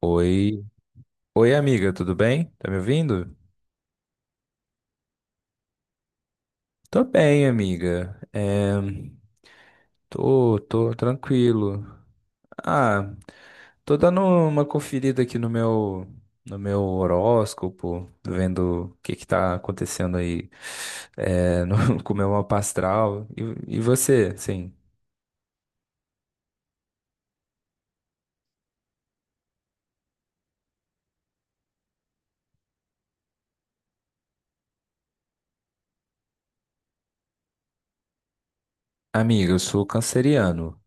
Oi, oi amiga, tudo bem? Tá me ouvindo? Tô bem, amiga. Tô tranquilo. Ah, tô dando uma conferida aqui no meu horóscopo, vendo o que que tá acontecendo aí, é, no, com o meu mapa astral. E você, sim? Amiga, eu sou canceriano.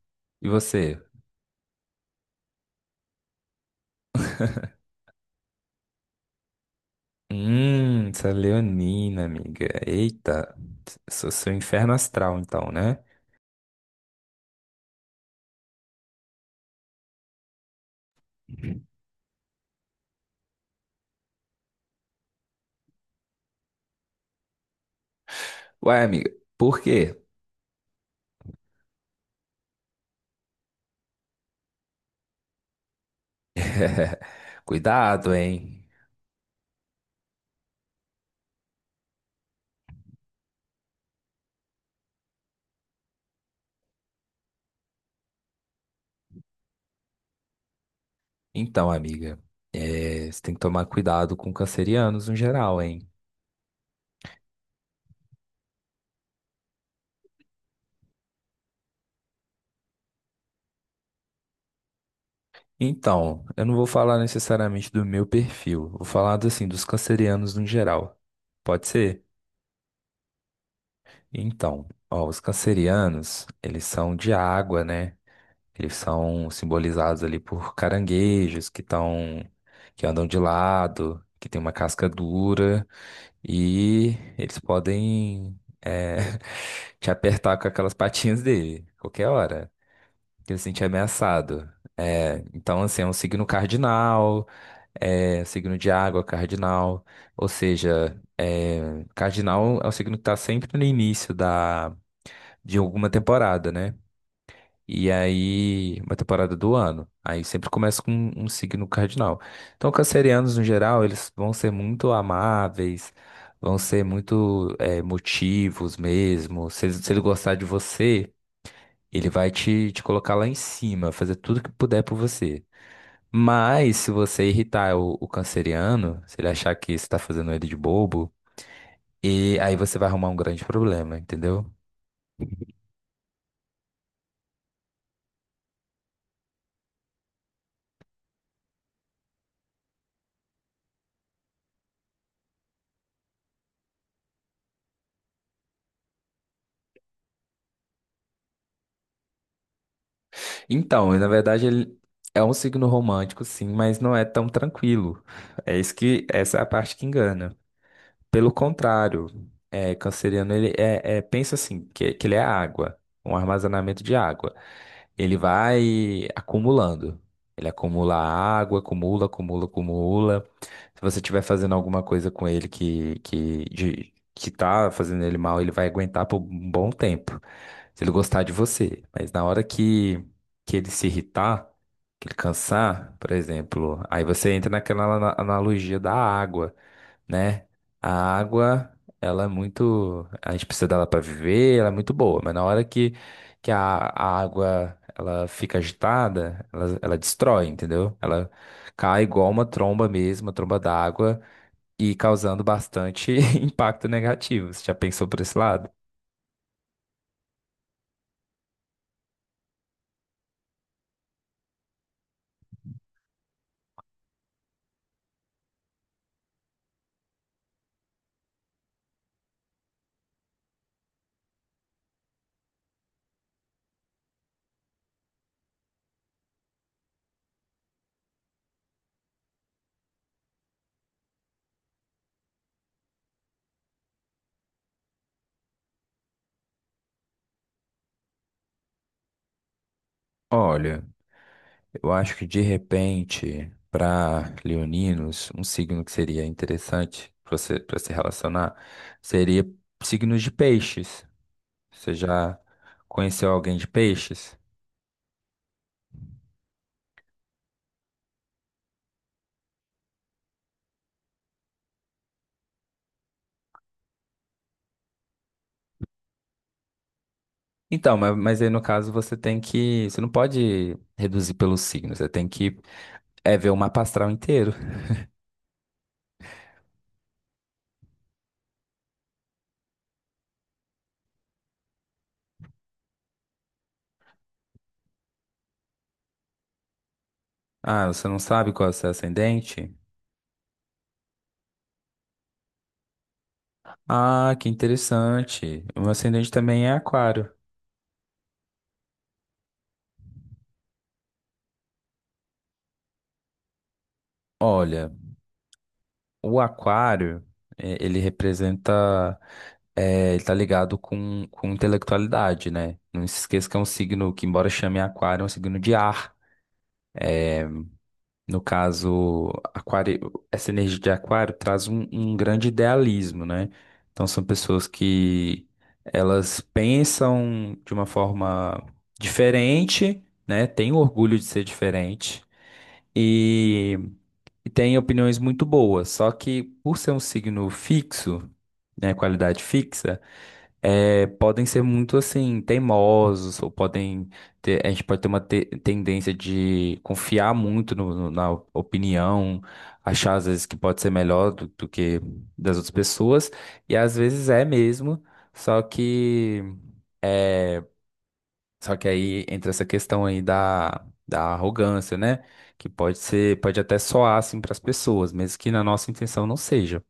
E você? Essa leonina, amiga. Eita, sou seu inferno astral, então, né? Ué, amiga, por quê? Cuidado, hein? Então, amiga, é, você tem que tomar cuidado com cancerianos no geral, hein? Então, eu não vou falar necessariamente do meu perfil, vou falar assim dos cancerianos no geral. Pode ser? Então, ó, os cancerianos, eles são de água, né? Eles são simbolizados ali por caranguejos que andam de lado, que tem uma casca dura e eles podem te apertar com aquelas patinhas dele, qualquer hora, que ele se sentir ameaçado. É, então, assim, é um signo cardinal, é signo de água cardinal, ou seja, cardinal é o signo que está sempre no de alguma temporada, né? E aí, uma temporada do ano. Aí sempre começa com um signo cardinal. Então, cancerianos, no geral, eles vão ser muito amáveis, vão ser muito motivos mesmo. Se ele gostar de você, ele vai te colocar lá em cima, fazer tudo que puder por você. Mas, se você irritar o canceriano, se ele achar que você está fazendo ele de bobo, e aí você vai arrumar um grande problema, entendeu? Então, na verdade, ele é um signo romântico, sim, mas não é tão tranquilo. Essa é a parte que engana. Pelo contrário, é, canceriano, pensa assim, que ele é água, um armazenamento de água. Ele vai acumulando. Ele acumula água, acumula, acumula, acumula. Se você estiver fazendo alguma coisa com ele que tá fazendo ele mal, ele vai aguentar por um bom tempo. Se ele gostar de você. Mas na hora que ele se irritar, que ele cansar, por exemplo, aí você entra naquela analogia da água né? A água, ela é muito, a gente precisa dela para viver, ela é muito boa, mas na hora que a, a água ela fica agitada, ela destrói, entendeu? Ela cai igual uma tromba mesmo, uma tromba d'água, e causando bastante impacto negativo. Você já pensou por esse lado? Olha, eu acho que de repente, para leoninos, um signo que seria interessante para você, para se relacionar seria signos de peixes. Você já conheceu alguém de peixes? Então, mas aí no caso você tem que. Você não pode reduzir pelo signo, você tem que é, ver o mapa astral inteiro. Ah, você não sabe qual é o seu ascendente? Ah, que interessante. O meu ascendente também é aquário. Olha, o aquário, ele representa. Ele tá ligado com intelectualidade, né? Não se esqueça que é um signo que, embora chame aquário, é um signo de ar. No caso, aquário, essa energia de aquário traz um grande idealismo, né? Então são pessoas que elas pensam de uma forma diferente, né? Têm orgulho de ser diferente e, e têm opiniões muito boas. Só que por ser um signo fixo, né? Qualidade fixa, é, podem ser muito assim teimosos ou podem ter, a gente pode ter uma tendência de confiar muito na opinião, achar às vezes que pode ser melhor do que das outras pessoas e às vezes é mesmo, só que é, só que aí entra essa questão aí da arrogância, né? Que pode ser, pode até soar assim para as pessoas, mesmo que na nossa intenção não seja.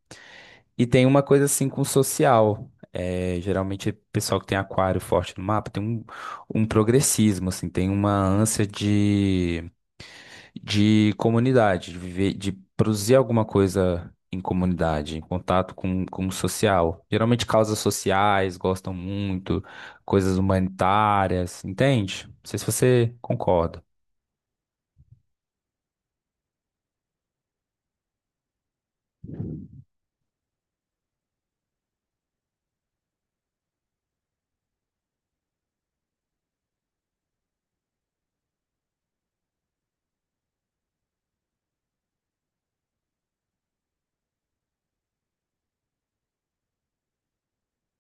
E tem uma coisa assim com social. É, geralmente, o pessoal que tem aquário forte no mapa tem um progressismo, assim, tem uma ânsia de comunidade, de viver, de produzir alguma coisa em comunidade, em contato com o social. Geralmente, causas sociais gostam muito, coisas humanitárias, entende? Não sei se você concorda.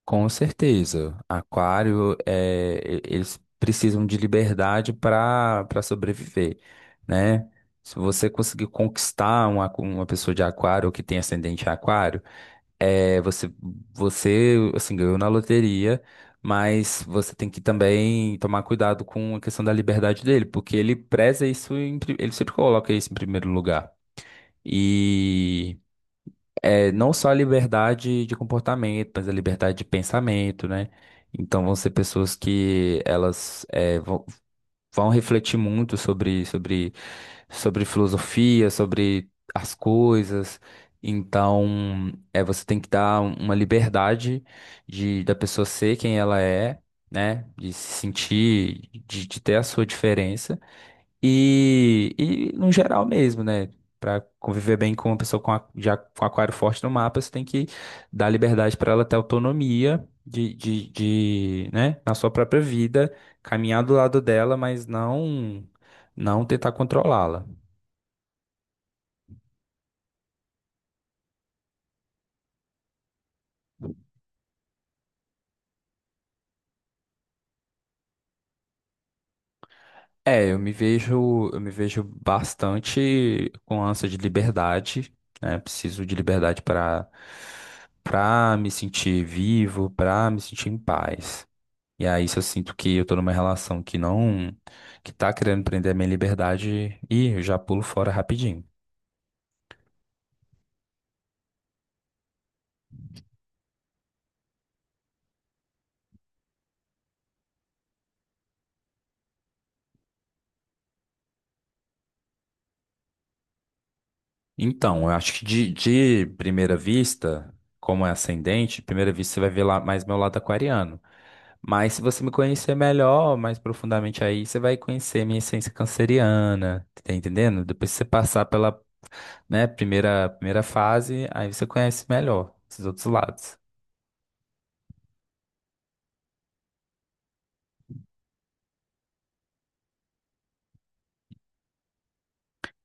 Com certeza. Aquário, eles precisam de liberdade para para sobreviver, né? Se você conseguir conquistar uma pessoa de aquário ou que tem ascendente em aquário, é, você, você assim, ganhou na loteria, mas você tem que também tomar cuidado com a questão da liberdade dele, porque ele preza isso, ele sempre coloca isso em primeiro lugar. E é, não só a liberdade de comportamento, mas a liberdade de pensamento, né? Então vão ser pessoas que elas vão refletir muito sobre filosofia, sobre as coisas. Então é, você tem que dar uma liberdade da pessoa ser quem ela é, né? De se sentir, de ter a sua diferença. E no geral mesmo, né? Pra conviver bem com uma pessoa já com aquário forte no mapa, você tem que dar liberdade para ela ter autonomia né? Na sua própria vida, caminhar do lado dela, mas não tentar controlá-la. É, eu me vejo bastante com ânsia de liberdade, né? Preciso de liberdade para para me sentir vivo, para me sentir em paz. E aí, se eu sinto que eu tô numa relação que não, que tá querendo prender a minha liberdade, e eu já pulo fora rapidinho. Então, eu acho que de primeira vista, como é ascendente, de primeira vista você vai ver lá mais meu lado aquariano. Mas se você me conhecer melhor, mais profundamente aí, você vai conhecer minha essência canceriana, tá entendendo? Depois que você passar pela, né, primeira fase, aí você conhece melhor esses outros lados.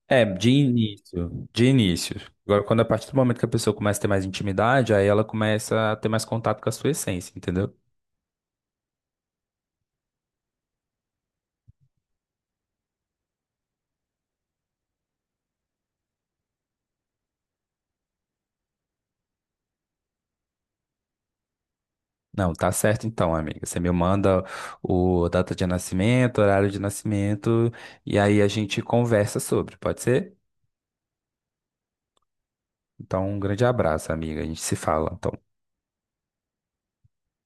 É, de início, de início. Agora, quando a partir do momento que a pessoa começa a ter mais intimidade, aí ela começa a ter mais contato com a sua essência, entendeu? Não, tá certo então, amiga. Você me manda o data de nascimento, horário de nascimento, e aí a gente conversa sobre, pode ser? Então, um grande abraço, amiga. A gente se fala. Então,